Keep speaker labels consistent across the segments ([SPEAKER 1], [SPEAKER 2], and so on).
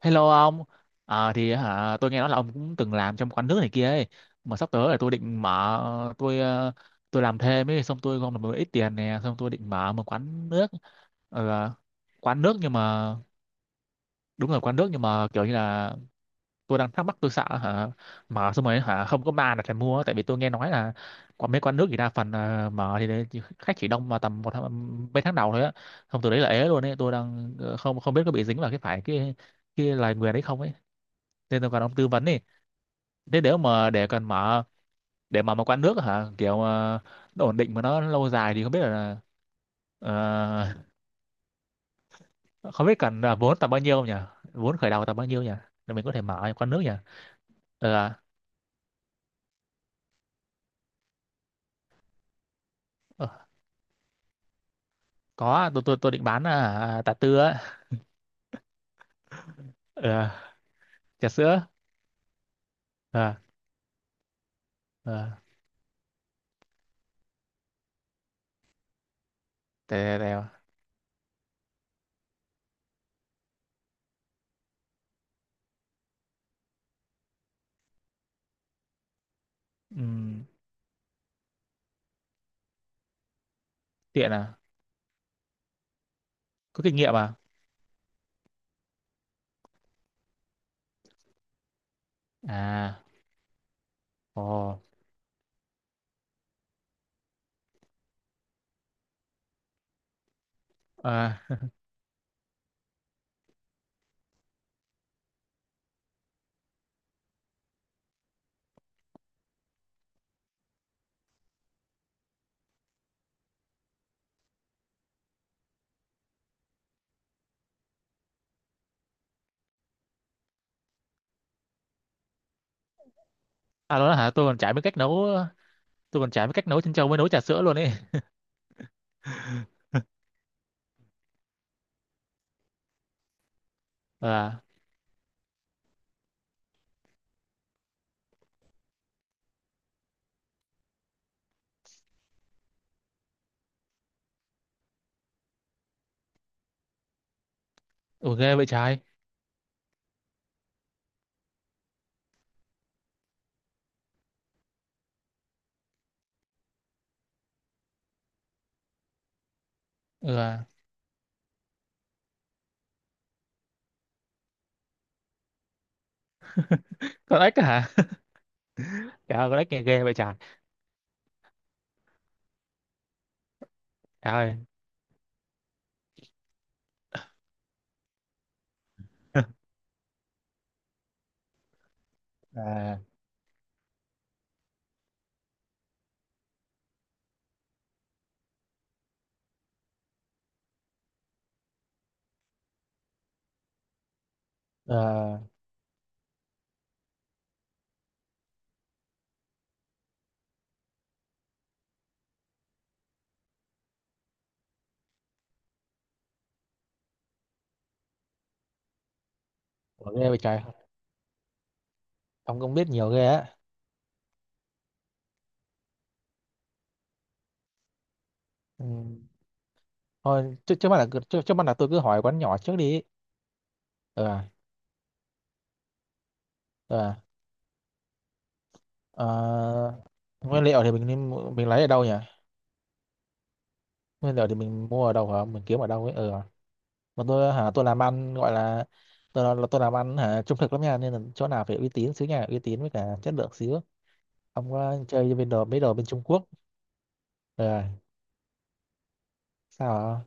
[SPEAKER 1] Hello ông. Thì hả tôi nghe nói là ông cũng từng làm trong quán nước này kia ấy, mà sắp tới là tôi định mở, tôi làm thêm ấy, xong tôi gom được một ít tiền nè, xong tôi định mở một quán nước. Ờ, Quán nước, nhưng mà đúng rồi, quán nước nhưng mà kiểu như là tôi đang thắc mắc. Tôi sợ hả mở xong rồi hả không có ma là phải mua, tại vì tôi nghe nói là có mấy quán nước thì đa phần mở thì đấy, khách chỉ đông vào tầm một tháng, mấy tháng đầu thôi á, xong từ đấy là ế luôn ấy. Tôi đang không không biết có bị dính vào cái phải cái lời nguyền đấy không ấy, nên tôi cần ông tư vấn đi. Thế nếu mà để mở một quán nước hả kiểu nó ổn định mà nó lâu dài thì không biết là ờ, không biết cần là vốn tầm bao nhiêu nhỉ? Vốn khởi đầu tầm bao nhiêu nhỉ, để mình có thể mở quán nước nhỉ? ờ, ờ, có, tôi định bán trà tư á. Ờ, trà sữa. ờ, ờ, để, để, Ừm, tiện à? Có kinh nghiệm à? À. Ồ. À, à, đó là hả tôi còn chả biết cách nấu. Tôi còn chả biết cách nấu chân trâu, mới nấu trà sữa luôn ấy. Ờ, ok vậy, trái, ừ. Con ếch á hả? Trời ơi, con ếch nghe ghê vậy trời. Trời ơi. À, ờ, ủa ghê vậy trời. Ông cũng biết nhiều ghê á. Ừ. Thôi, trước trước mắt là cứ- trước, trước mắt là tôi cứ hỏi quán nhỏ trước đi. Ờ, à. Ờ, à. Ờ, nguyên liệu thì mình mình lấy ở đâu nhỉ? Nguyên liệu thì mình mua ở đâu hả? Mình kiếm ở đâu ấy? Ờ, ừ, à. Mà tôi hả tôi làm ăn gọi là, tôi là tôi làm ăn hả trung thực lắm nha, nên là chỗ nào phải uy tín xíu nha, uy tín với cả chất lượng xíu. Ông có chơi bên đồ mấy đồ bên Trung Quốc? Ờ. Sao hả?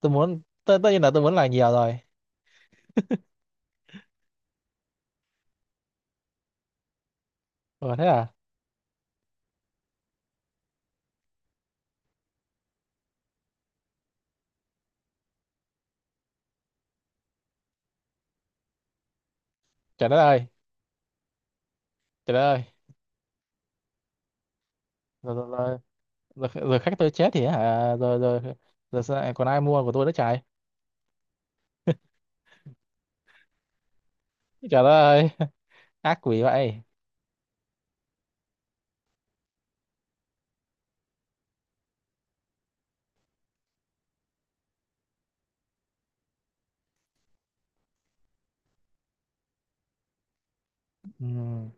[SPEAKER 1] Tôi muốn tất tất nhiên là tôi muốn làm nhiều rồi. Ừ, thế à? Trời đất ơi. Trời đất ơi. Rồi, rồi, rồi, rồi, rồi khách tôi chết thì hả? Rồi, rồi, rồi sao lại còn ai mua của tôi nữa trời? Trời đất ơi. Ác quỷ vậy. Ừm,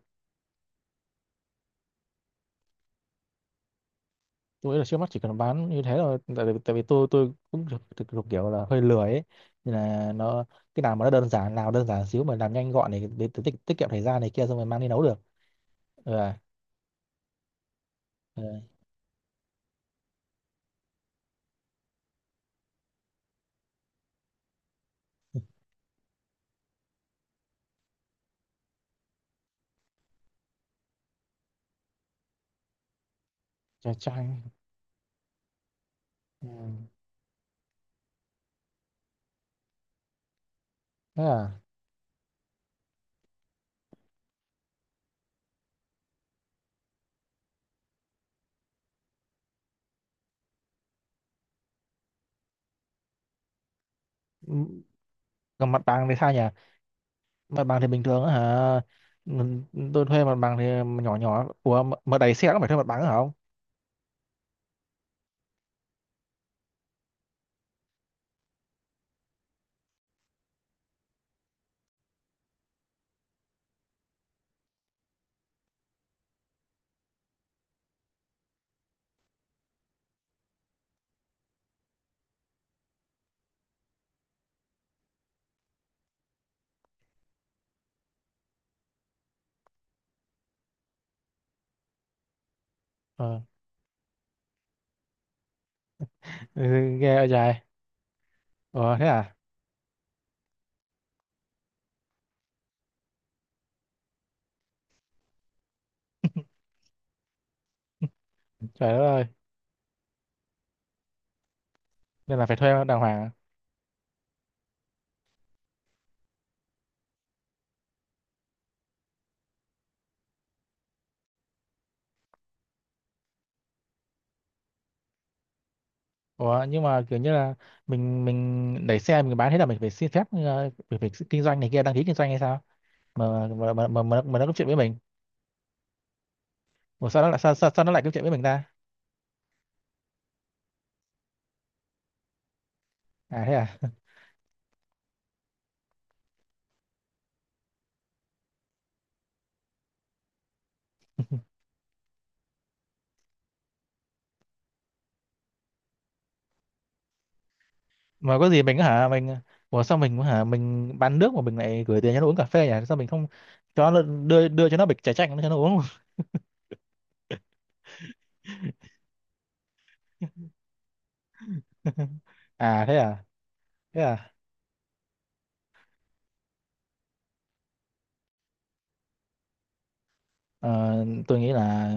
[SPEAKER 1] tôi nghĩ là trước mắt chỉ cần bán như thế thôi, tại vì tôi cũng thực thực thực kiểu là hơi lười ấy, nên là nó, cái nào mà nó đơn giản, nào đơn giản xíu mà làm nhanh gọn này, để tiết kiệm thời gian này kia, xong rồi mang đi nấu được. Ừ, à, ừ. Trà chanh. Ừm, thế à? Ừm, còn mặt bằng thì sao nhỉ? Mặt bằng thì bình thường á hả? Ừ, tôi thuê mặt bằng thì nhỏ nhỏ. Ủa mà đẩy xe cũng phải thuê mặt bằng á hả không? Ờ. Ừ, nghe dài. Ủa thế à? Trời đất ơi. Nên là phải thuê đàng hoàng à? Ủa nhưng mà kiểu như là mình đẩy xe mình bán, thế là mình phải xin phép, mình phải kinh doanh này kia, đăng ký kinh doanh hay sao mà, nó có chuyện với mình? Ủa sao nó lại, sao nó lại có chuyện với mình ta? À thế à? Mà có gì mình hả mình? Ủa sao mình hả mình bán nước mà mình lại gửi tiền cho nó uống cà phê nhỉ? Sao mình không cho nó đưa đưa cho nó bịch trà chanh cho nó uống? À thế à? Thế à? Ờ, tôi nghĩ là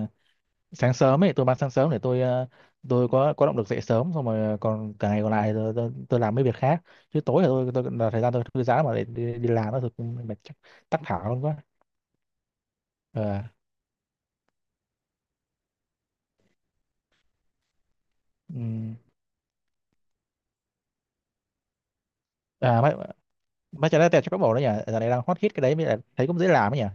[SPEAKER 1] sáng sớm ấy, tôi bán sáng sớm để tôi tôi có động lực dậy sớm, xong rồi ờ, còn cả ngày còn lại tôi làm mấy việc khác, chứ tối là tôi là thời gian tôi thư giãn mà, để đi làm nó thực cũng mệt, chắc tắc thở luôn quá. Ờ, ừm. À, mấy mấy trái tẹt cho các bộ đấy nhỉ, giờ này đang hot hit cái đấy, mới lại thấy cũng dễ làm ấy nhỉ.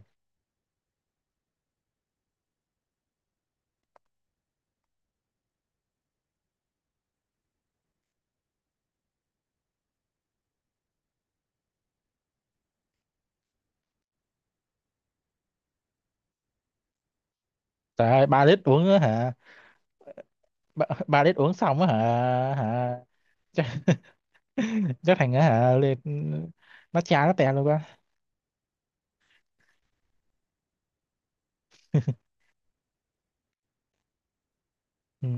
[SPEAKER 1] Trời ơi, ba lít uống á hả? Ba, ba lít uống xong á hả? Hả? Chắc, chắc thành á hả lên, nó chán nó tẹt luôn quá. Ừ.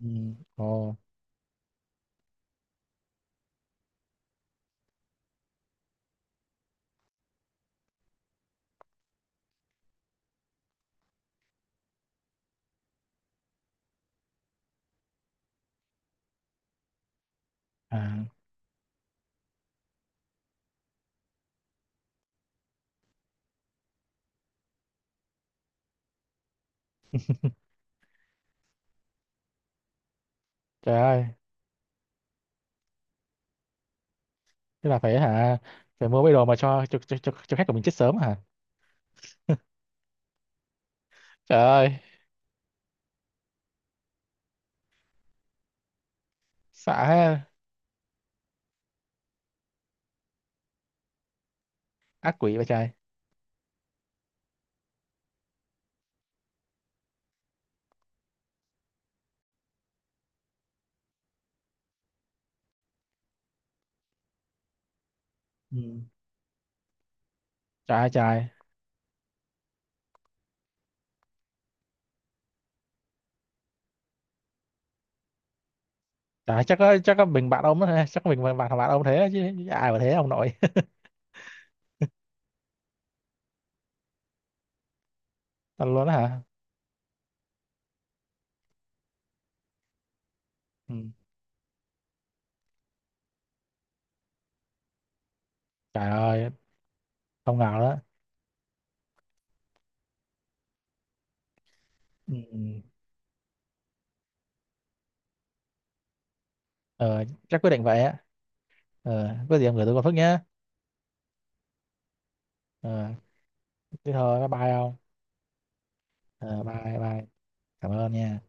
[SPEAKER 1] Ừ. Ồ. À, trời ơi, thế là phải hả, phải mua mấy đồ mà cho khách của mình chết sớm hả? Trời ơi. Xã. Ác quỷ vậy trời. Ừ. Trời ơi, trời. Trời ơi, chắc có mình bạn ông đó ha, chắc có mình bạn bạn bạn ông thế chứ ai mà thế ông nội. Thật luôn đó hả? Ừ. Trời ơi, không ngờ đó. Ừ. Ừ. Ờ, chắc quyết định vậy á. Ờ, có gì em gửi tôi con Phước nhé. Ờ, thế thôi, bye bye ông. Ờ, bye bye. Cảm ơn nha.